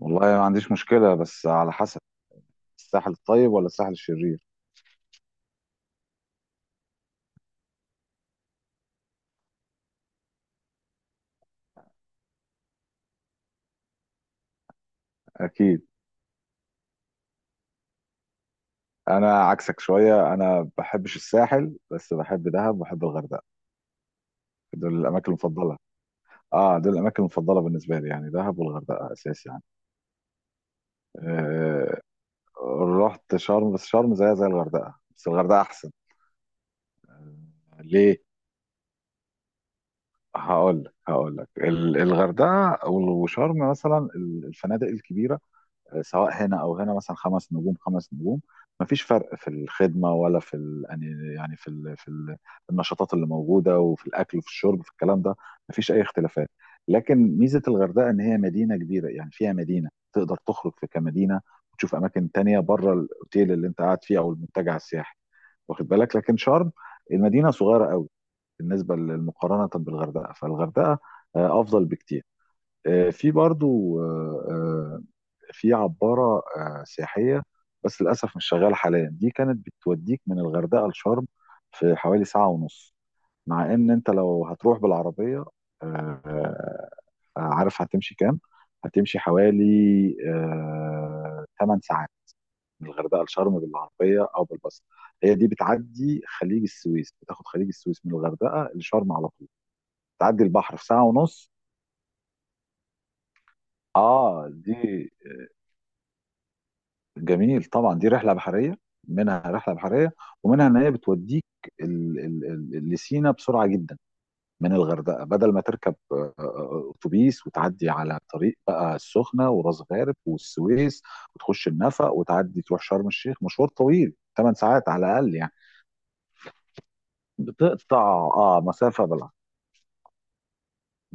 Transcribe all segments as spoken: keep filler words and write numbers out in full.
والله ما عنديش مشكلة بس على حسب. الساحل الطيب ولا الساحل الشرير؟ أكيد. أنا عكسك شوية، أنا ما بحبش الساحل بس بحب دهب وبحب الغردقة. دول الأماكن المفضلة. آه، دول الأماكن المفضلة بالنسبة لي، يعني دهب والغردقة أساس يعني. آه، رحت شرم بس شرم زيها زي الغردقة بس الغردقة أحسن. آه. ليه؟ هقول لك هقول لك ال- الغردقة وشرم مثلا، الفنادق الكبيرة سواء هنا او هنا مثلا، خمس نجوم خمس نجوم، مفيش فرق في الخدمه ولا في ال... يعني يعني في ال... في ال... النشاطات اللي موجوده وفي الاكل وفي الشرب، في الكلام ده مفيش اي اختلافات. لكن ميزه الغردقه ان هي مدينه كبيره، يعني فيها مدينه تقدر تخرج في كمدينه وتشوف اماكن تانية بره الاوتيل اللي انت قاعد فيه او المنتجع السياحي، واخد بالك؟ لكن شرم المدينه صغيره قوي بالنسبه للمقارنه بالغردقه، فالغردقه آه، افضل بكتير. آه، في برضو آه، آه، في عبارة آه، سياحية، بس للأسف مش شغالة حاليا. دي كانت بتوديك من الغردقة لشرم في حوالي ساعة ونص، مع إن أنت لو هتروح بالعربية آه، آه، آه، عارف هتمشي كام؟ هتمشي حوالي آه، تمن ساعات من الغردقة لشرم بالعربية أو بالباص. هي دي بتعدي خليج السويس، بتاخد خليج السويس من الغردقة لشرم على طول. تعدي البحر في ساعة ونص. اه دي جميل طبعا، دي رحله بحريه. منها رحله بحريه ومنها ان هي بتوديك ال- ال- ال- لسينا بسرعه جدا من الغردقه، بدل ما تركب آه، آه، اتوبيس وتعدي على طريق بقى السخنه وراس غارب والسويس وتخش النفق وتعدي تروح شرم الشيخ، مشوار طويل تمن ساعات على الاقل يعني. بتقطع. اه، مسافه بلا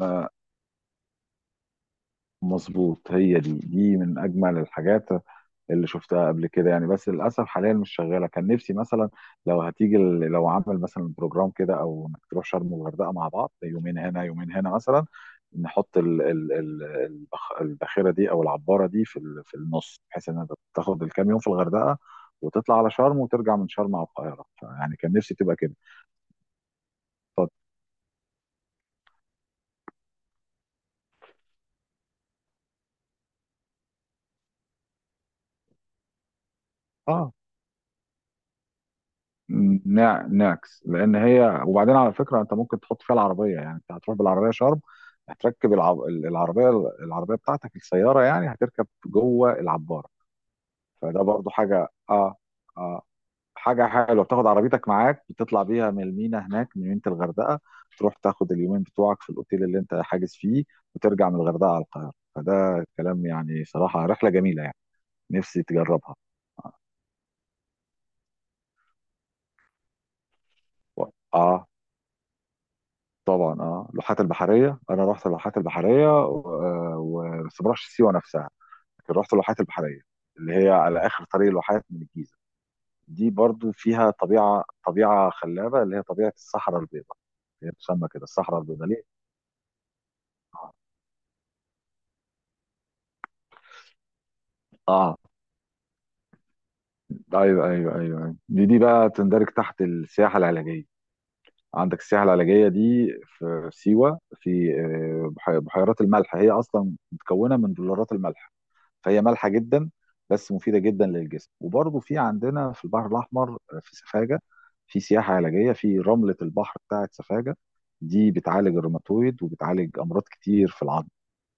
آه، مظبوط. هي دي دي من اجمل الحاجات اللي شفتها قبل كده يعني، بس للاسف حاليا مش شغاله. كان نفسي مثلا لو هتيجي ال- لو عامل مثلا بروجرام كده، او انك تروح شرم والغردقه مع بعض، يومين هنا يومين هنا مثلا، نحط ال- ال- ال- البخ- الباخره دي او العباره دي في ال- في النص، بحيث ان انت تاخد الكام يوم في الغردقه وتطلع على شرم وترجع من شرم على القاهره. يعني كان نفسي تبقى كده. اتفضل. اه، نا- ناكس. لان هي، وبعدين على فكره، انت ممكن تحط فيها العربيه، يعني انت هتروح بالعربيه شرم، هتركب العب... العربيه، العربيه بتاعتك السياره يعني، هتركب جوه العباره. فده برضو حاجه اه، اه، حاجه حلوه. بتاخد عربيتك معاك، بتطلع بيها من المينا هناك من ميناء الغردقه، تروح تاخد اليومين بتوعك في الاوتيل اللي انت حاجز فيه، وترجع من الغردقه على القاهره. فده كلام يعني صراحه رحله جميله يعني. نفسي تجربها. اه طبعا، اه، اللوحات البحريه. انا رحت اللوحات البحريه آه، و- بس ما رحتش سيوه نفسها، لكن رحت اللوحات البحريه اللي هي على اخر طريق الواحات من الجيزه. دي برضو فيها طبيعه طبيعه خلابه، اللي هي طبيعه الصحراء البيضاء. هي بتسمى كده الصحراء البيضاء ليه؟ اه. آه. ايوه ايوه ايوه أيوة. دي دي بقى تندرج تحت السياحه العلاجيه. عندك السياحه العلاجيه دي في سيوه، في آه، بح- بحيرات الملح. هي اصلا متكونه من بلورات الملح، فهي مالحه جدا بس مفيده جدا للجسم. وبرضه في عندنا في البحر الاحمر آه، في سفاجه، في سياحه علاجيه في رمله البحر بتاعه سفاجه. دي بتعالج الروماتويد وبتعالج امراض كتير في العظم.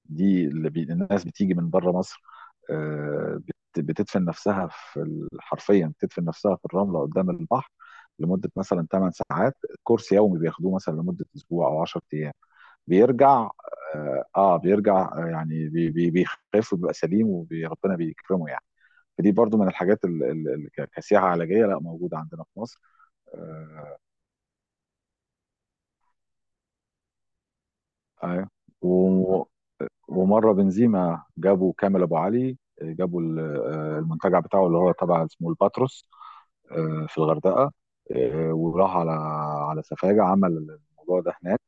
دي اللي بي... الناس بتيجي من بره مصر آه، بت- بتدفن نفسها في ال- حرفيا بتدفن نفسها في الرمله قدام البحر لمده مثلا تمن ساعات. كورس يومي بياخدوه مثلا لمده اسبوع او عشر ايام. بيرجع اه، آه، بيرجع آه، يعني بي- بي- بيخف وبيبقى سليم وربنا بيكرمه يعني. فدي برضو من الحاجات اللي كسياحة علاجية لا موجودة عندنا في مصر. آه، ايوه، و- ومرة بنزيما جابوا كامل ابو علي، آه، جابوا ال- آه، المنتجع بتاعه اللي هو طبعا اسمه الباتروس آه، في الغردقة. آه، وراح على على سفاجة، عمل الموضوع ده هناك.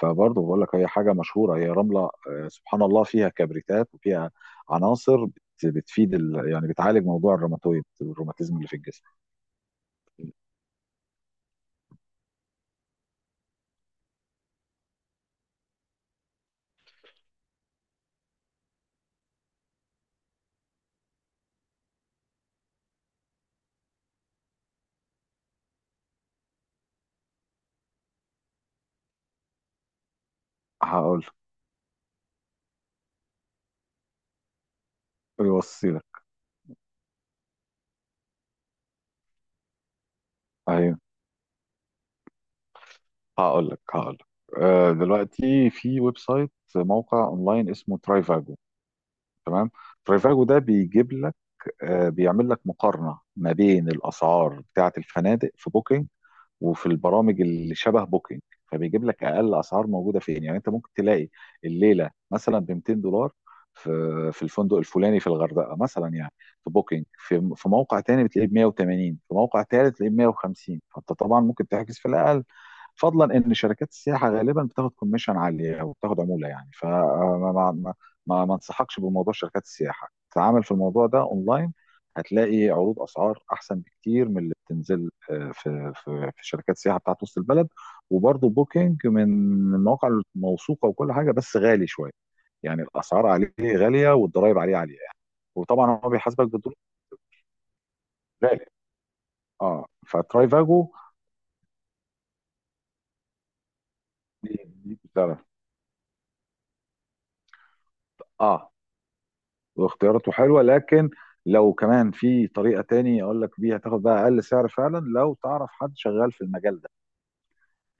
فبرضه بقول لك هي حاجه مشهوره، هي رمله آه، سبحان الله فيها كبريتات وفيها عناصر بت- بتفيد ال... يعني بتعالج موضوع الروماتويد، الروماتيزم اللي في الجسم. هقول لك. يوصي لك. ايوه. هقول لك هقول لك آه، دلوقتي في ويب سايت، موقع اونلاين اسمه ترايفاجو. تمام. ترايفاجو ده بيجيب لك آه، بيعمل لك مقارنه ما بين الاسعار بتاعه الفنادق في بوكينج وفي البرامج اللي شبه بوكينج. فبيجيب لك اقل اسعار موجوده فين. يعني انت ممكن تلاقي الليله مثلا ب ميتين دولار في في الفندق الفلاني في الغردقه مثلا يعني، في بوكينج، في في موقع تاني بتلاقيه ب ميه وتمانين، في موقع تالت تلاقيه ب ميه وخمسين. فانت طبعا ممكن تحجز في الاقل. فضلا ان شركات السياحه غالبا بتاخد كوميشن عاليه وبتاخد عموله يعني. فما ما ما ما ما انصحكش بموضوع شركات السياحه، تعامل في الموضوع ده اونلاين. هتلاقي عروض اسعار احسن بكتير من اللي بتنزل آه، في في في شركات السياحه بتاعت وسط البلد. وبرضه بوكينج من المواقع الموثوقه وكل حاجه، بس غالي شويه، يعني الاسعار عليه غاليه والضرايب عليه عاليه يعني، وطبعا هو بيحاسبك بالدولار. غالي اه. فترايفاجو دي- دي بتعرف. اه. واختياراته حلوه. لكن لو كمان في طريقه تاني اقول لك بيها تاخد بقى اقل سعر فعلا، لو تعرف حد شغال في المجال ده،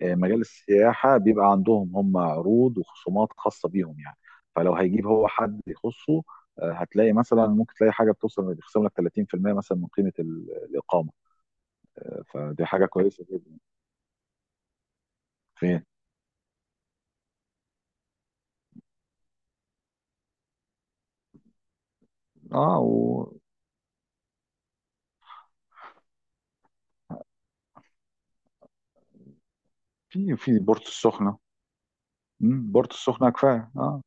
آه، مجال السياحه، بيبقى عندهم هم عروض وخصومات خاصه بيهم يعني. فلو هيجيب هو حد يخصه آه، هتلاقي مثلا، ممكن تلاقي حاجه بتوصل بيخصم لك تلاتين في المية مثلا من قيمه ال- الاقامه. آه، فدي حاجه كويسه جدا. فين؟ اه. وفي. في بورتو السخنه. مم، بورتو السخنه كفايه اه.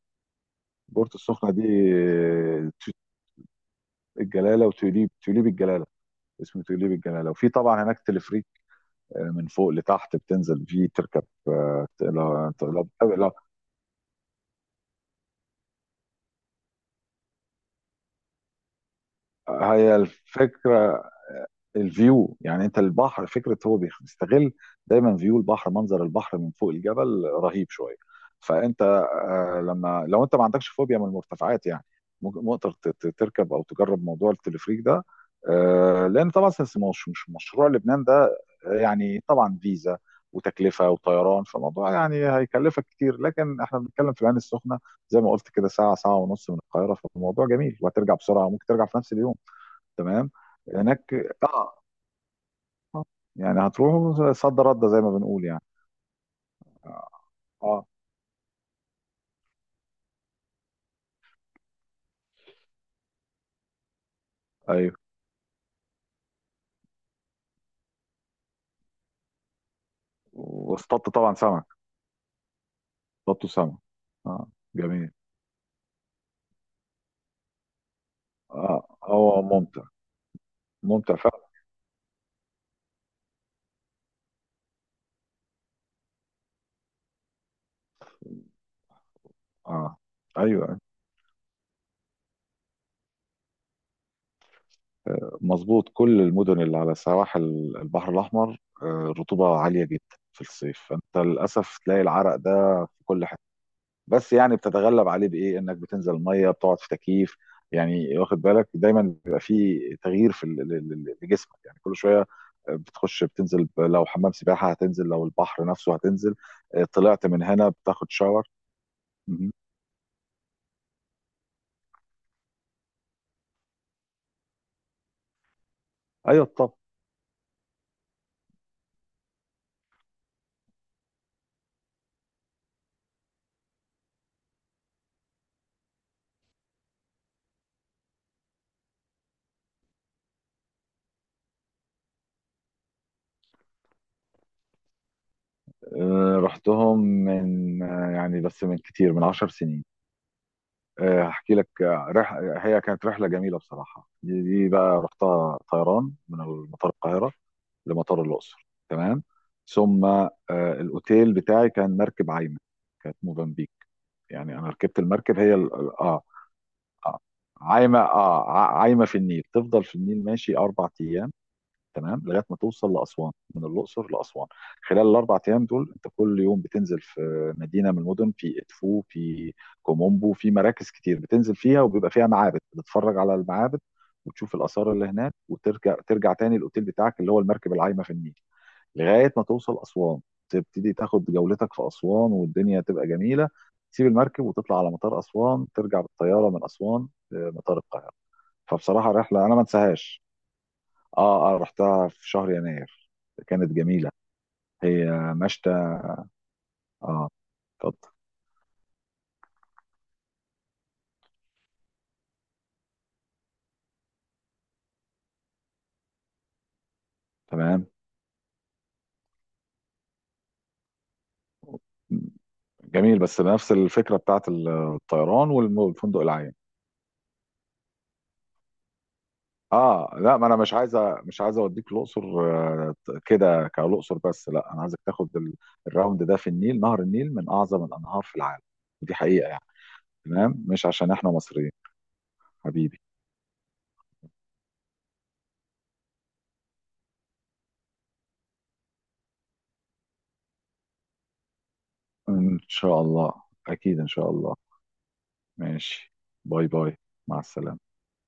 بورتو السخنه دي آه، الجلاله وتوليب، توليب الجلاله. اسمه تقليب الجلاله. وفي طبعا هناك تلفريك آه، من فوق لتحت، بتنزل فيه تركب آه. تقلب. هي الفكره الفيو، يعني انت البحر فكره هو بيستغل دايما فيو البحر، منظر البحر من فوق الجبل رهيب شويه. فانت آه، لما لو انت ما عندكش فوبيا من المرتفعات يعني، ممكن ممكن ت- ت- تركب او تجرب موضوع التلفريك ده آه، لان طبعا سنس- مش مش مشروع لبنان ده آه، يعني طبعا فيزا وتكلفه وطيران، فالموضوع يعني هيكلفك كتير. لكن احنا بنتكلم في العين السخنه، زي ما قلت كده، ساعه ساعه ونص من القاهره، فالموضوع جميل وهترجع بسرعه، ممكن ترجع في نفس اليوم. تمام. هناك. اه. آه. يعني هتروحوا صد رد زي ما بنقول يعني. اه. ايوه. واصطادت طبعا سمك. اصطادتوا سمك. اه. جميل. اه، هو ممتع. ممتع فعلا. اه. ايوه. مظبوط. كل المدن اللي على سواحل البحر الاحمر آه، الرطوبه عاليه جدا في الصيف، فانت للاسف تلاقي العرق ده في كل حته. بس يعني بتتغلب عليه بايه؟ انك بتنزل الميه، بتقعد في تكييف، يعني واخد بالك دايما بيبقى في تغيير في ال- ال- ال- لجسمك يعني كل شويه، بتخش، بتنزل لو حمام سباحه، هتنزل لو البحر نفسه هتنزل آه، طلعت من هنا بتاخد شاور. مهم. ايوه طب. آه، رحتهم من آه، يعني بس من كتير، من عشر سنين. آه، هحكي لك. آه، رح... هي كانت رحله جميله بصراحه. دي دي بقى رحتها طيران من مطار القاهره لمطار الاقصر. تمام. ثم آه، الاوتيل بتاعي كان مركب عايمه. كانت موزمبيق. يعني انا ركبت المركب، هي ال- ال- اه اه عايمه، اه، ع- عايمه في النيل، تفضل في النيل ماشي اربع ايام. تمام. لغايه ما توصل لاسوان، من الاقصر لاسوان. خلال الاربع ايام دول انت كل يوم بتنزل في مدينه من المدن، في ادفو، في كومومبو، في مراكز كتير بتنزل فيها وبيبقى فيها معابد، بتتفرج على المعابد وتشوف الاثار اللي هناك، وترجع ترجع تاني الاوتيل بتاعك اللي هو المركب العايمه في النيل لغايه ما توصل اسوان. تبتدي تاخد جولتك في اسوان والدنيا تبقى جميله. تسيب المركب وتطلع على مطار اسوان، ترجع بالطياره من اسوان لمطار القاهره. فبصراحه رحله انا ما انساهاش. اه، اه، رحتها في شهر يناير، كانت جميله. هي مشتى. اه، اتفضل. تمام. جميل، بس نفس الفكره بتاعت الطيران والفندق العام. اه لا، ما انا مش عايزه مش عايزه اوديك الاقصر آه، كده كالاقصر بس، لا انا عايزك تاخد ال- الراوند ده في النيل. نهر النيل من اعظم الانهار في العالم ودي حقيقه يعني، تمام؟ مش عشان احنا مصريين، حبيبي. ان شاء الله. اكيد ان شاء الله. ماشي. باي باي. مع السلامه.